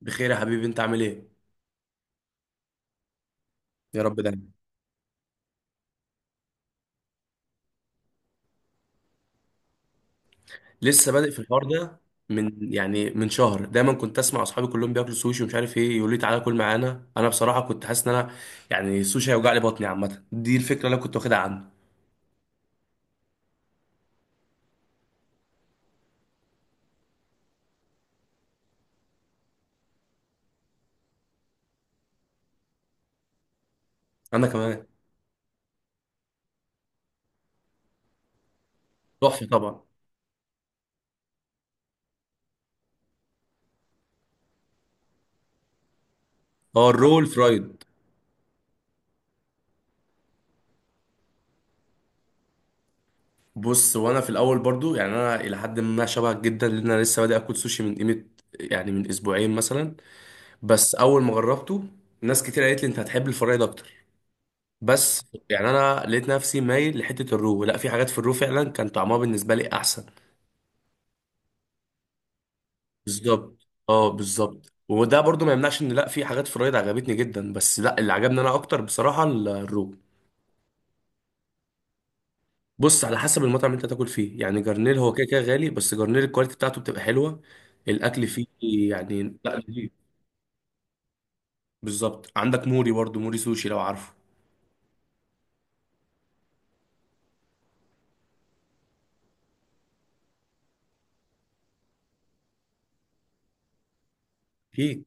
بخير يا حبيبي، انت عامل ايه؟ يا رب دايما. لسه بادئ في الحوار ده. من شهر دايما كنت اسمع اصحابي كلهم بياكلوا سوشي ومش عارف ايه، يقولوا لي تعالى كل معانا. انا بصراحه كنت حاسس ان انا يعني السوشي هيوجع لي بطني. عامه دي الفكره اللي انا كنت واخدها عنه. انا كمان. تحفه طبعا. هو الرول فرايد؟ بص، وانا في الاول برضو يعني انا الى حد ما شبهك جدا، لان انا لسه بادئ اكل سوشي من قيمه. يعني من اسبوعين مثلا. بس اول ما جربته ناس كتير قالت لي انت هتحب الفرايد اكتر. بس يعني انا لقيت نفسي مايل لحته الرو. لا، في حاجات في الرو فعلا كان طعمها بالنسبه لي احسن. بالظبط، اه بالظبط، وده برضو ما يمنعش ان لا في حاجات في الرايد عجبتني جدا، بس لا اللي عجبني انا اكتر بصراحه الرو. بص على حسب المطعم اللي انت تاكل فيه. يعني جرنيل هو كده كده غالي، بس جرنيل الكواليتي بتاعته بتبقى حلوه. الاكل فيه يعني لا لذيذ. بالظبط. عندك موري برضو، موري سوشي لو عارفه. اكيد.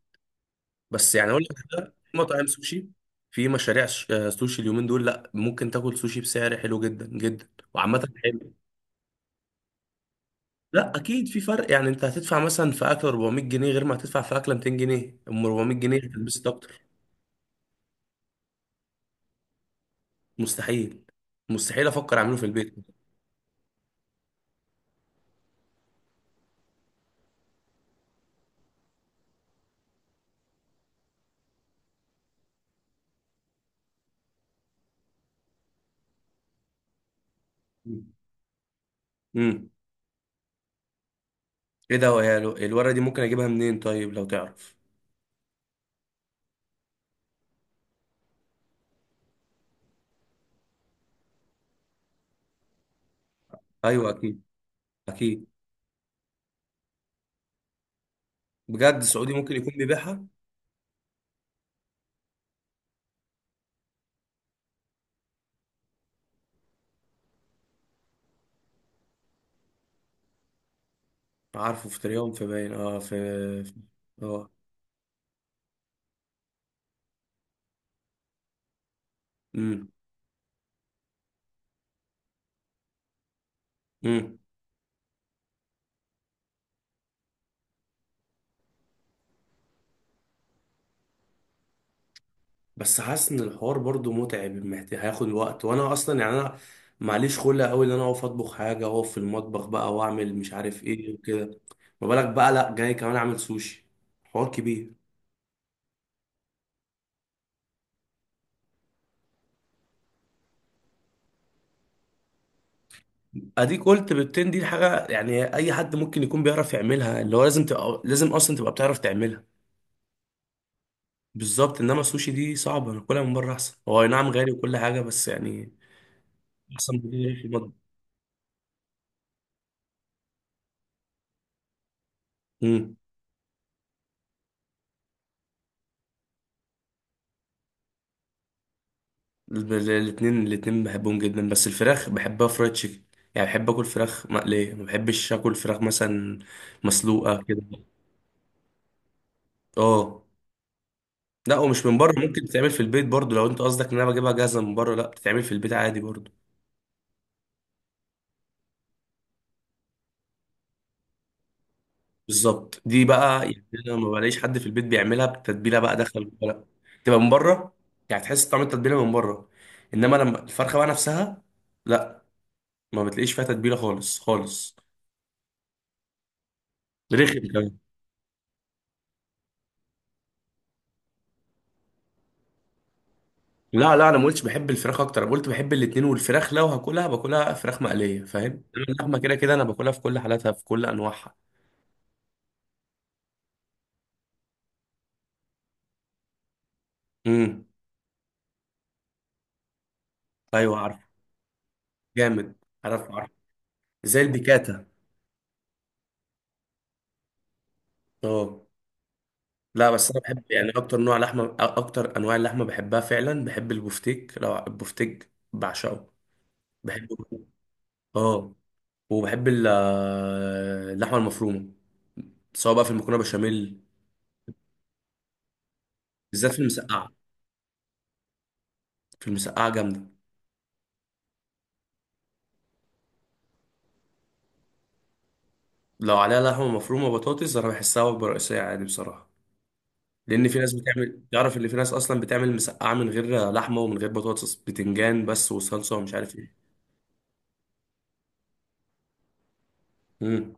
بس يعني اقول لك ده، في مطاعم سوشي، في مشاريع سوشي اليومين دول، لا ممكن تاكل سوشي بسعر حلو جدا جدا. وعامه حلو. لا اكيد في فرق، يعني انت هتدفع مثلا في اكل 400 جنيه غير ما هتدفع في اكله 200 جنيه، ام 400 جنيه هتلبسك اكتر. مستحيل. مستحيل افكر اعمله في البيت. امم. ايه ده يا الورقه دي ممكن اجيبها منين طيب لو تعرف؟ ايوه اكيد. اكيد. بجد، سعودي ممكن يكون بيبيعها. عارفه في تريوم، في باين، في. اه. امم. بس حاسس ان الحوار برضو متعب، محتاج هياخد وقت، وانا اصلا يعني انا معليش خلق قوي ان انا اقف اطبخ حاجه واقف في المطبخ بقى، واعمل مش عارف ايه وكده. ما بالك بقى لا جاي كمان اعمل سوشي. حوار كبير. اديك قلت بيضتين، دي حاجه يعني اي حد ممكن يكون بيعرف يعملها، اللي هو لازم تبقى لازم اصلا تبقى بتعرف تعملها. بالظبط، انما السوشي دي صعبه، انا كلها من بره احسن. هو أي نعم غالي وكل حاجه بس يعني احسن بكتير في المطبخ. الاتنين الاتنين بحبهم جدا، بس الفراخ بحبها فرايد تشيكن. يعني بحب اكل فراخ مقلية، ما بحبش اكل فراخ مثلا مسلوقة كده. اه، لا ومش من بره، ممكن تتعمل في البيت برضو. لو انت قصدك ان انا بجيبها جاهزة من بره، لا بتتعمل في البيت عادي برضو. بالظبط، دي بقى يعني انا ما بلاقيش حد في البيت بيعملها بتتبيله بقى داخل ولا لا. تبقى من بره، يعني تحس طعم التتبيله من بره. انما لما الفرخه بقى نفسها، لا، ما بتلاقيش فيها تتبيله خالص خالص. رخم كمان. لا لا، انا ما قلتش بحب الفراخ اكتر. انا قلت بحب الاتنين، والفراخ لو هاكلها باكلها فراخ مقليه، فاهم. إنما اللحمه كده كده انا باكلها في كل حالاتها، في كل انواعها. امم. ايوه عارف. جامد. عارف، عارف. زي البيكاتا. اه، لا بس انا بحب يعني اكتر نوع لحمه، اكتر انواع اللحمه بحبها فعلا بحب البفتيك. لو البفتيك بعشقه. بحبه. اه. وبحب اللحمه المفرومه، سواء بقى في المكرونه بشاميل. بالذات في المسقعه. في المسقعه جامده. لو عليها لحمه مفرومه وبطاطس انا بحسها وجبه رئيسيه عادي بصراحه، لان في ناس بتعمل، تعرف ان في ناس اصلا بتعمل مسقعه من غير لحمه ومن غير بطاطس، بتنجان بس وصلصه ومش عارف ايه. مم.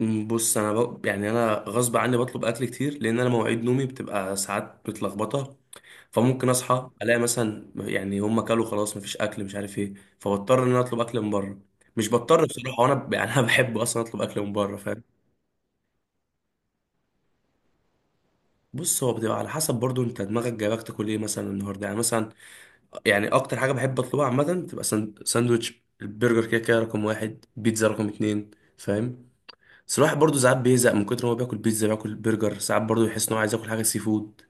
بص انا يعني انا غصب عني بطلب اكل كتير، لان انا مواعيد نومي بتبقى ساعات متلخبطه. فممكن اصحى الاقي مثلا يعني هم كلوا خلاص مفيش اكل مش عارف ايه. فبضطر ان انا اطلب اكل من بره. مش بضطر بصراحه، وانا يعني انا بحب اصلا اطلب اكل من بره، فاهم. بص، هو بتبقى على حسب برضو انت دماغك جايبك تاكل ايه مثلا النهارده، يعني مثلا يعني اكتر حاجه بحب اطلبها عامه تبقى ساندوتش البرجر، كده كده رقم واحد بيتزا رقم اتنين، فاهم. بس الواحد برضه ساعات بيزهق من كتر ما هو بياكل بيتزا، بياكل برجر، ساعات برضه يحس ان هو عايز ياكل حاجه سي فود.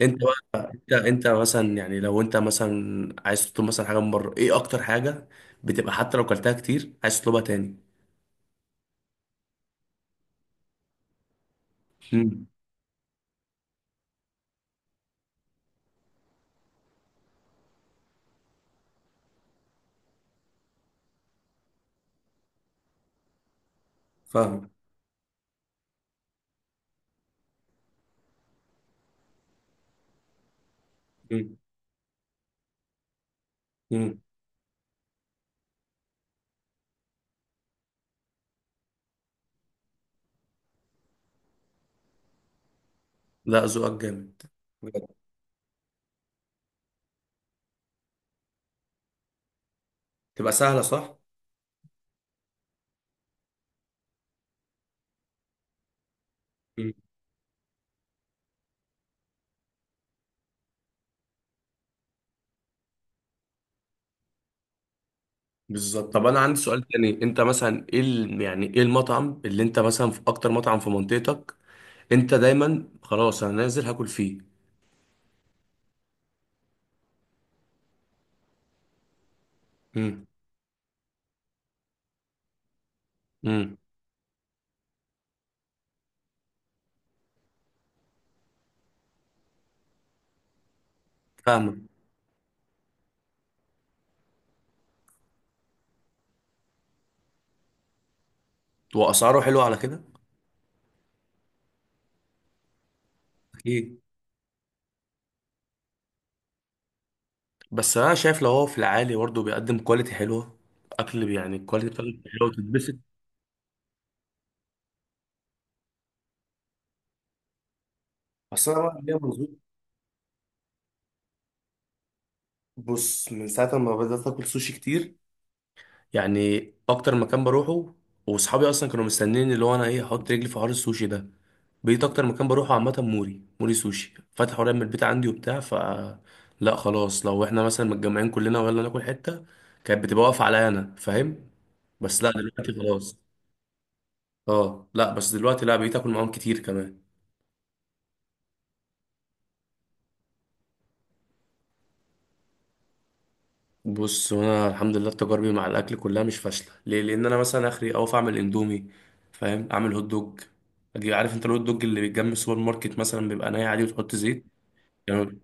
انت بقى، انت مثلا يعني لو انت مثلا عايز تطلب مثلا حاجه من بره، ايه اكتر حاجه بتبقى حتى لو كلتها كتير عايز تطلبها تاني؟ امم. فاهم. امم. لا، ذوقك جامد. بجد. تبقى سهله صح؟ بالظبط. طب انا عندي سؤال تاني، انت مثلا ايه يعني ايه المطعم اللي انت مثلا، في اكتر مطعم في منطقتك انت دايما خلاص انا نازل هاكل فيه؟ امم. امم. فاهمك. واسعاره حلوه على كده. اكيد. بس انا شايف لو هو في العالي برضه بيقدم كواليتي حلوه، اكل، يعني الكواليتي بتاعته حلوه وتتبسط. اصل انا بقى ليا منظور. بص، من ساعه ما بدات اكل سوشي كتير، يعني اكتر مكان بروحه، واصحابي اصلا كانوا مستنيين اللي هو انا ايه احط رجلي في حوار السوشي ده. بقيت اكتر مكان بروحه عامه موري سوشي فتح قريب من البيت عندي وبتاع، ف لا خلاص لو احنا مثلا متجمعين كلنا ويلا ناكل حته كانت بتبقى واقفه عليا انا، فاهم. بس لا دلوقتي خلاص. اه لا، بس دلوقتي لا بقيت اكل معاهم كتير كمان. بص، وانا الحمد لله تجاربي مع الاكل كلها مش فاشله، ليه؟ لان انا مثلا اخري اوف اعمل اندومي، فاهم، اعمل هوت دوج. اجي، عارف انت الهوت دوج اللي بيتجمع السوبر ماركت مثلا بيبقى ناي عادي وتحط زيت. يعني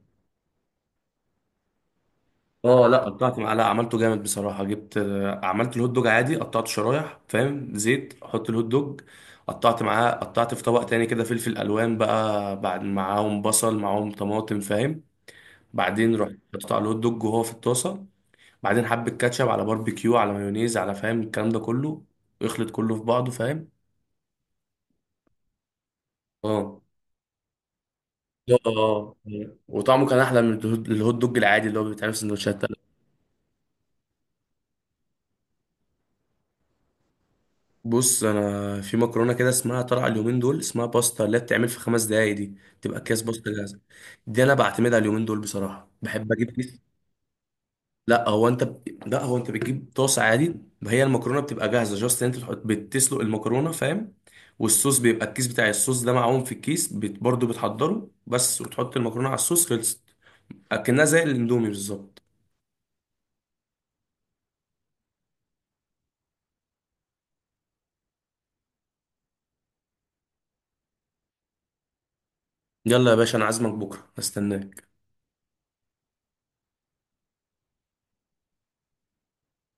اه، لا قطعت معلقه عملته جامد بصراحه. جبت عملت الهوت دوج عادي، قطعته شرايح فاهم، زيت احط الهوت دوج، قطعت معاه، قطعت في طبق تاني كده فلفل الوان بقى بعد، معاهم بصل، معاهم طماطم فاهم. بعدين رحت حطيت على الهوت دوج وهو في الطاسه. بعدين حبة كاتشب، على باربيكيو، على مايونيز، على فاهم الكلام ده كله، ويخلط كله في بعضه، فاهم. اه. لا اه. وطعمه كان احلى من الهوت دوج العادي اللي هو بيتعمل في سندوتشات تانية. بص، انا في مكرونه كده اسمها طالعه اليومين دول اسمها باستا اللي هي بتتعمل في 5 دقايق دي، تبقى اكياس باستا جاهزه. دي انا بعتمدها اليومين دول بصراحه، بحب اجيب كيس. لا هو انت لا هو انت بتجيب طاسه عادي، ما هي المكرونه بتبقى جاهزه، جاست انت تحط بتسلق المكرونه فاهم. والصوص بيبقى الكيس بتاع الصوص ده معاهم في الكيس برضه بتحضره بس، وتحط المكرونه على الصوص خلصت، اكنها زي الاندومي بالظبط. يلا يا باشا، انا عازمك بكره استناك.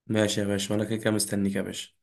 ماشي يا باشا، وانا كده كده مستنيك يا باشا.